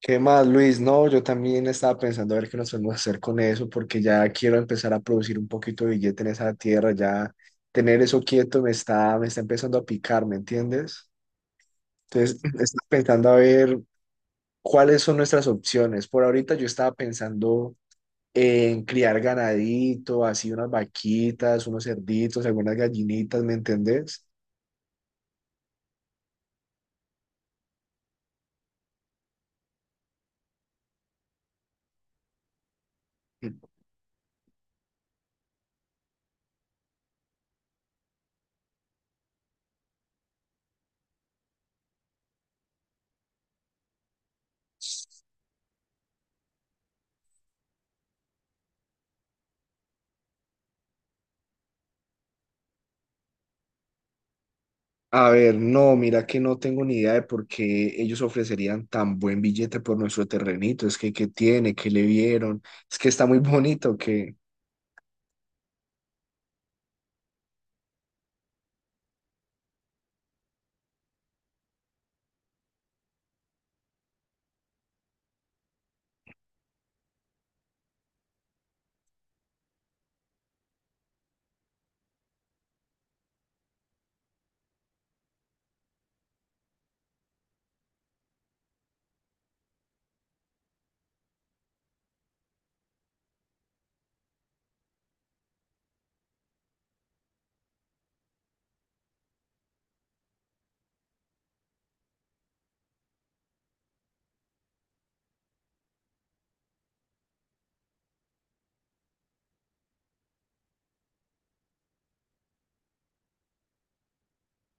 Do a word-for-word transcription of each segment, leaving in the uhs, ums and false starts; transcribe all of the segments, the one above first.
¿Qué más, Luis? No, yo también estaba pensando a ver qué nos podemos hacer con eso, porque ya quiero empezar a producir un poquito de billete en esa tierra, ya tener eso quieto me está, me está empezando a picar, ¿me entiendes? Entonces, estaba pensando a ver cuáles son nuestras opciones. Por ahorita yo estaba pensando en criar ganadito, así unas vaquitas, unos cerditos, algunas gallinitas, ¿me entendés? A ver, no, mira que no tengo ni idea de por qué ellos ofrecerían tan buen billete por nuestro terrenito. Es que, ¿qué tiene? ¿Qué le vieron? Es que está muy bonito, que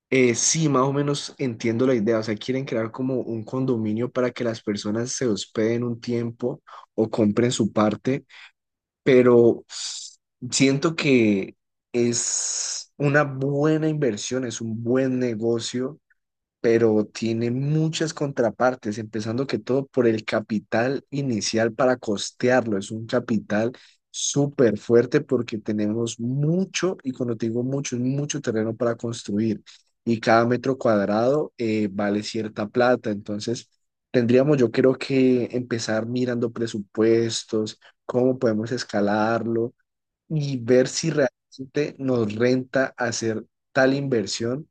eh, sí, más o menos entiendo la idea. O sea, quieren crear como un condominio para que las personas se hospeden un tiempo o compren su parte, pero siento que es una buena inversión, es un buen negocio, pero tiene muchas contrapartes, empezando que todo por el capital inicial para costearlo. Es un capital súper fuerte porque tenemos mucho, y cuando te digo mucho, es mucho terreno para construir. Y cada metro cuadrado eh, vale cierta plata. Entonces, tendríamos, yo creo que empezar mirando presupuestos, cómo podemos escalarlo y ver si realmente nos renta hacer tal inversión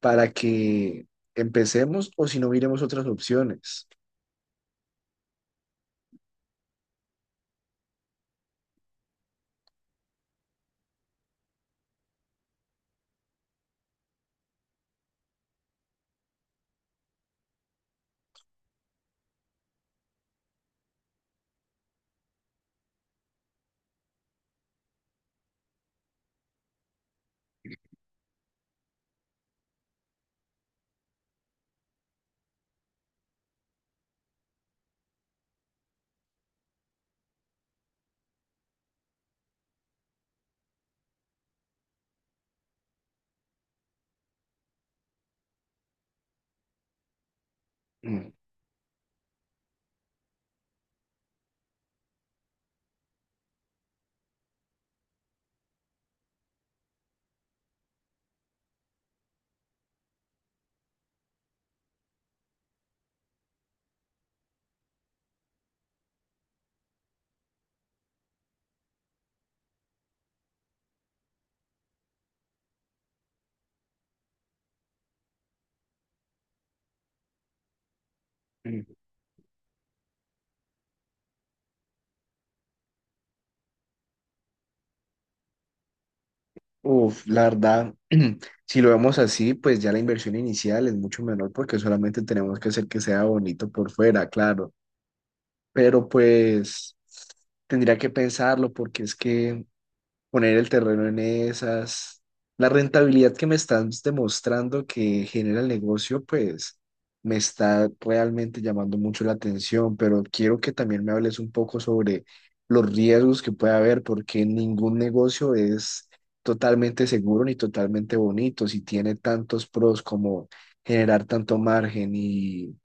para que empecemos o si no miremos otras opciones. Mm, mm. Uf, la verdad, si lo vemos así, pues ya la inversión inicial es mucho menor porque solamente tenemos que hacer que sea bonito por fuera, claro. Pero pues tendría que pensarlo porque es que poner el terreno en esas. La rentabilidad que me estás demostrando que genera el negocio, pues me está realmente llamando mucho la atención, pero quiero que también me hables un poco sobre los riesgos que puede haber, porque ningún negocio es totalmente seguro ni totalmente bonito, si tiene tantos pros como generar tanto margen y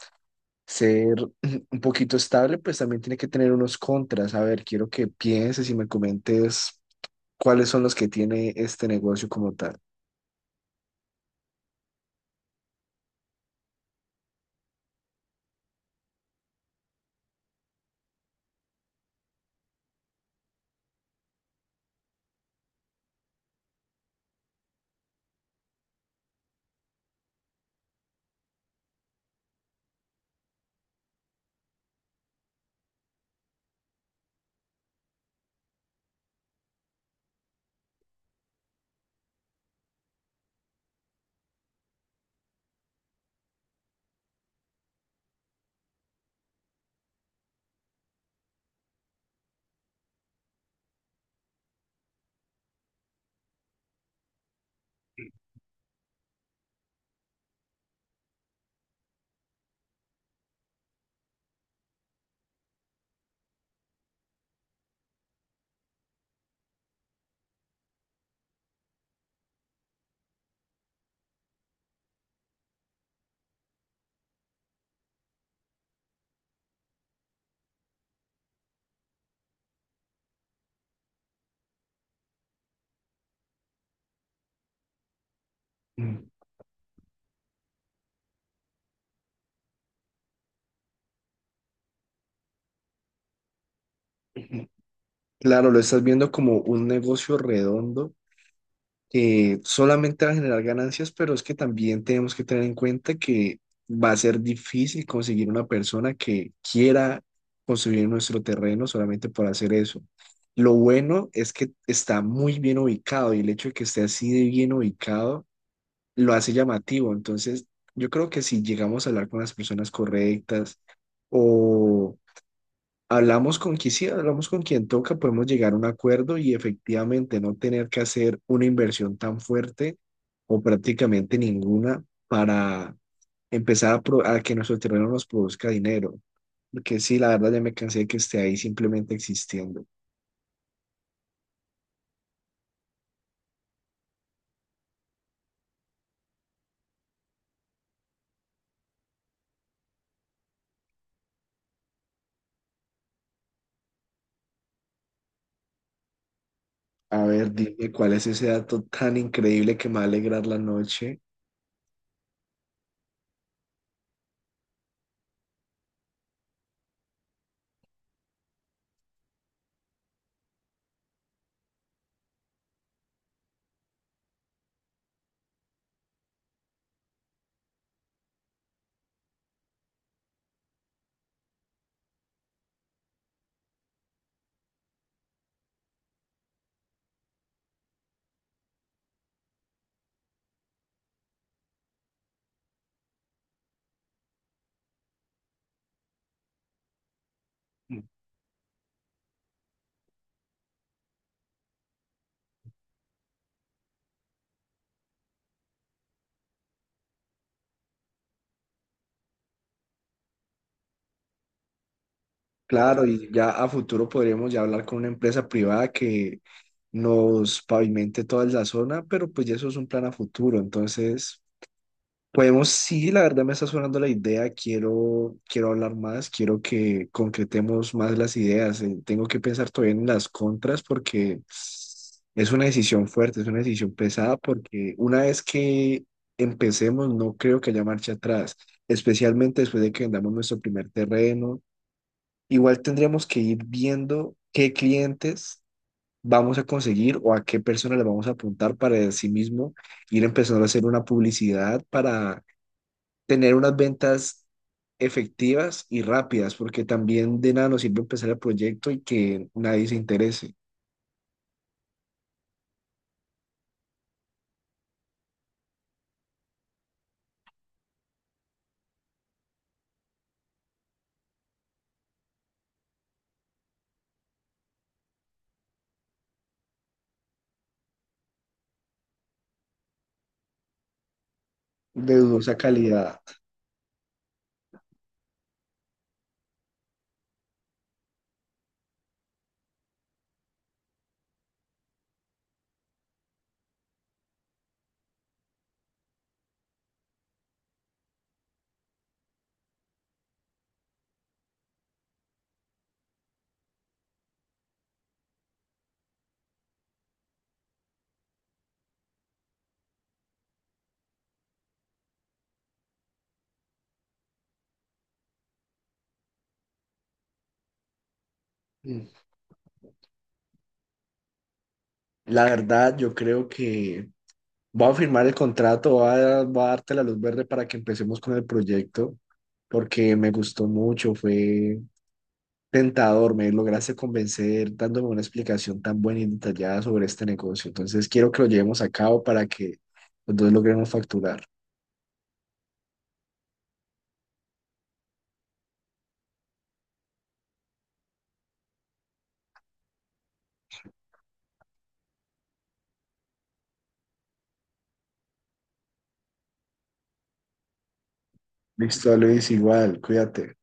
ser un poquito estable, pues también tiene que tener unos contras. A ver, quiero que pienses y me comentes cuáles son los que tiene este negocio como tal. Claro, lo estás viendo como un negocio redondo que solamente va a generar ganancias, pero es que también tenemos que tener en cuenta que va a ser difícil conseguir una persona que quiera construir nuestro terreno solamente por hacer eso. Lo bueno es que está muy bien ubicado y el hecho de que esté así de bien ubicado lo hace llamativo. Entonces, yo creo que si llegamos a hablar con las personas correctas o hablamos con quien sí, hablamos con quien toca, podemos llegar a un acuerdo y efectivamente no tener que hacer una inversión tan fuerte o prácticamente ninguna para empezar a, pro- a que nuestro terreno nos produzca dinero. Porque sí, la verdad ya me cansé de que esté ahí simplemente existiendo. A ver, dime cuál es ese dato tan increíble que me va a alegrar la noche. Claro, y ya a futuro podríamos ya hablar con una empresa privada que nos pavimente toda la zona, pero pues ya eso es un plan a futuro. Entonces, podemos, sí, la verdad me está sonando la idea, quiero, quiero hablar más, quiero que concretemos más las ideas. eh, Tengo que pensar todavía en las contras porque es una decisión fuerte, es una decisión pesada porque una vez que empecemos, no creo que haya marcha atrás, especialmente después de que vendamos nuestro primer terreno. Igual tendríamos que ir viendo qué clientes vamos a conseguir o a qué personas le vamos a apuntar para de sí mismo ir empezando a hacer una publicidad para tener unas ventas efectivas y rápidas, porque también de nada nos sirve empezar el proyecto y que nadie se interese. De dudosa calidad. Mm. La verdad, yo creo que voy a firmar el contrato, voy a, voy a darte la luz verde para que empecemos con el proyecto, porque me gustó mucho, fue tentador, me lograste convencer dándome una explicación tan buena y detallada sobre este negocio. Entonces quiero que lo llevemos a cabo para que los dos logremos facturar. Listo, Luis, igual, cuídate.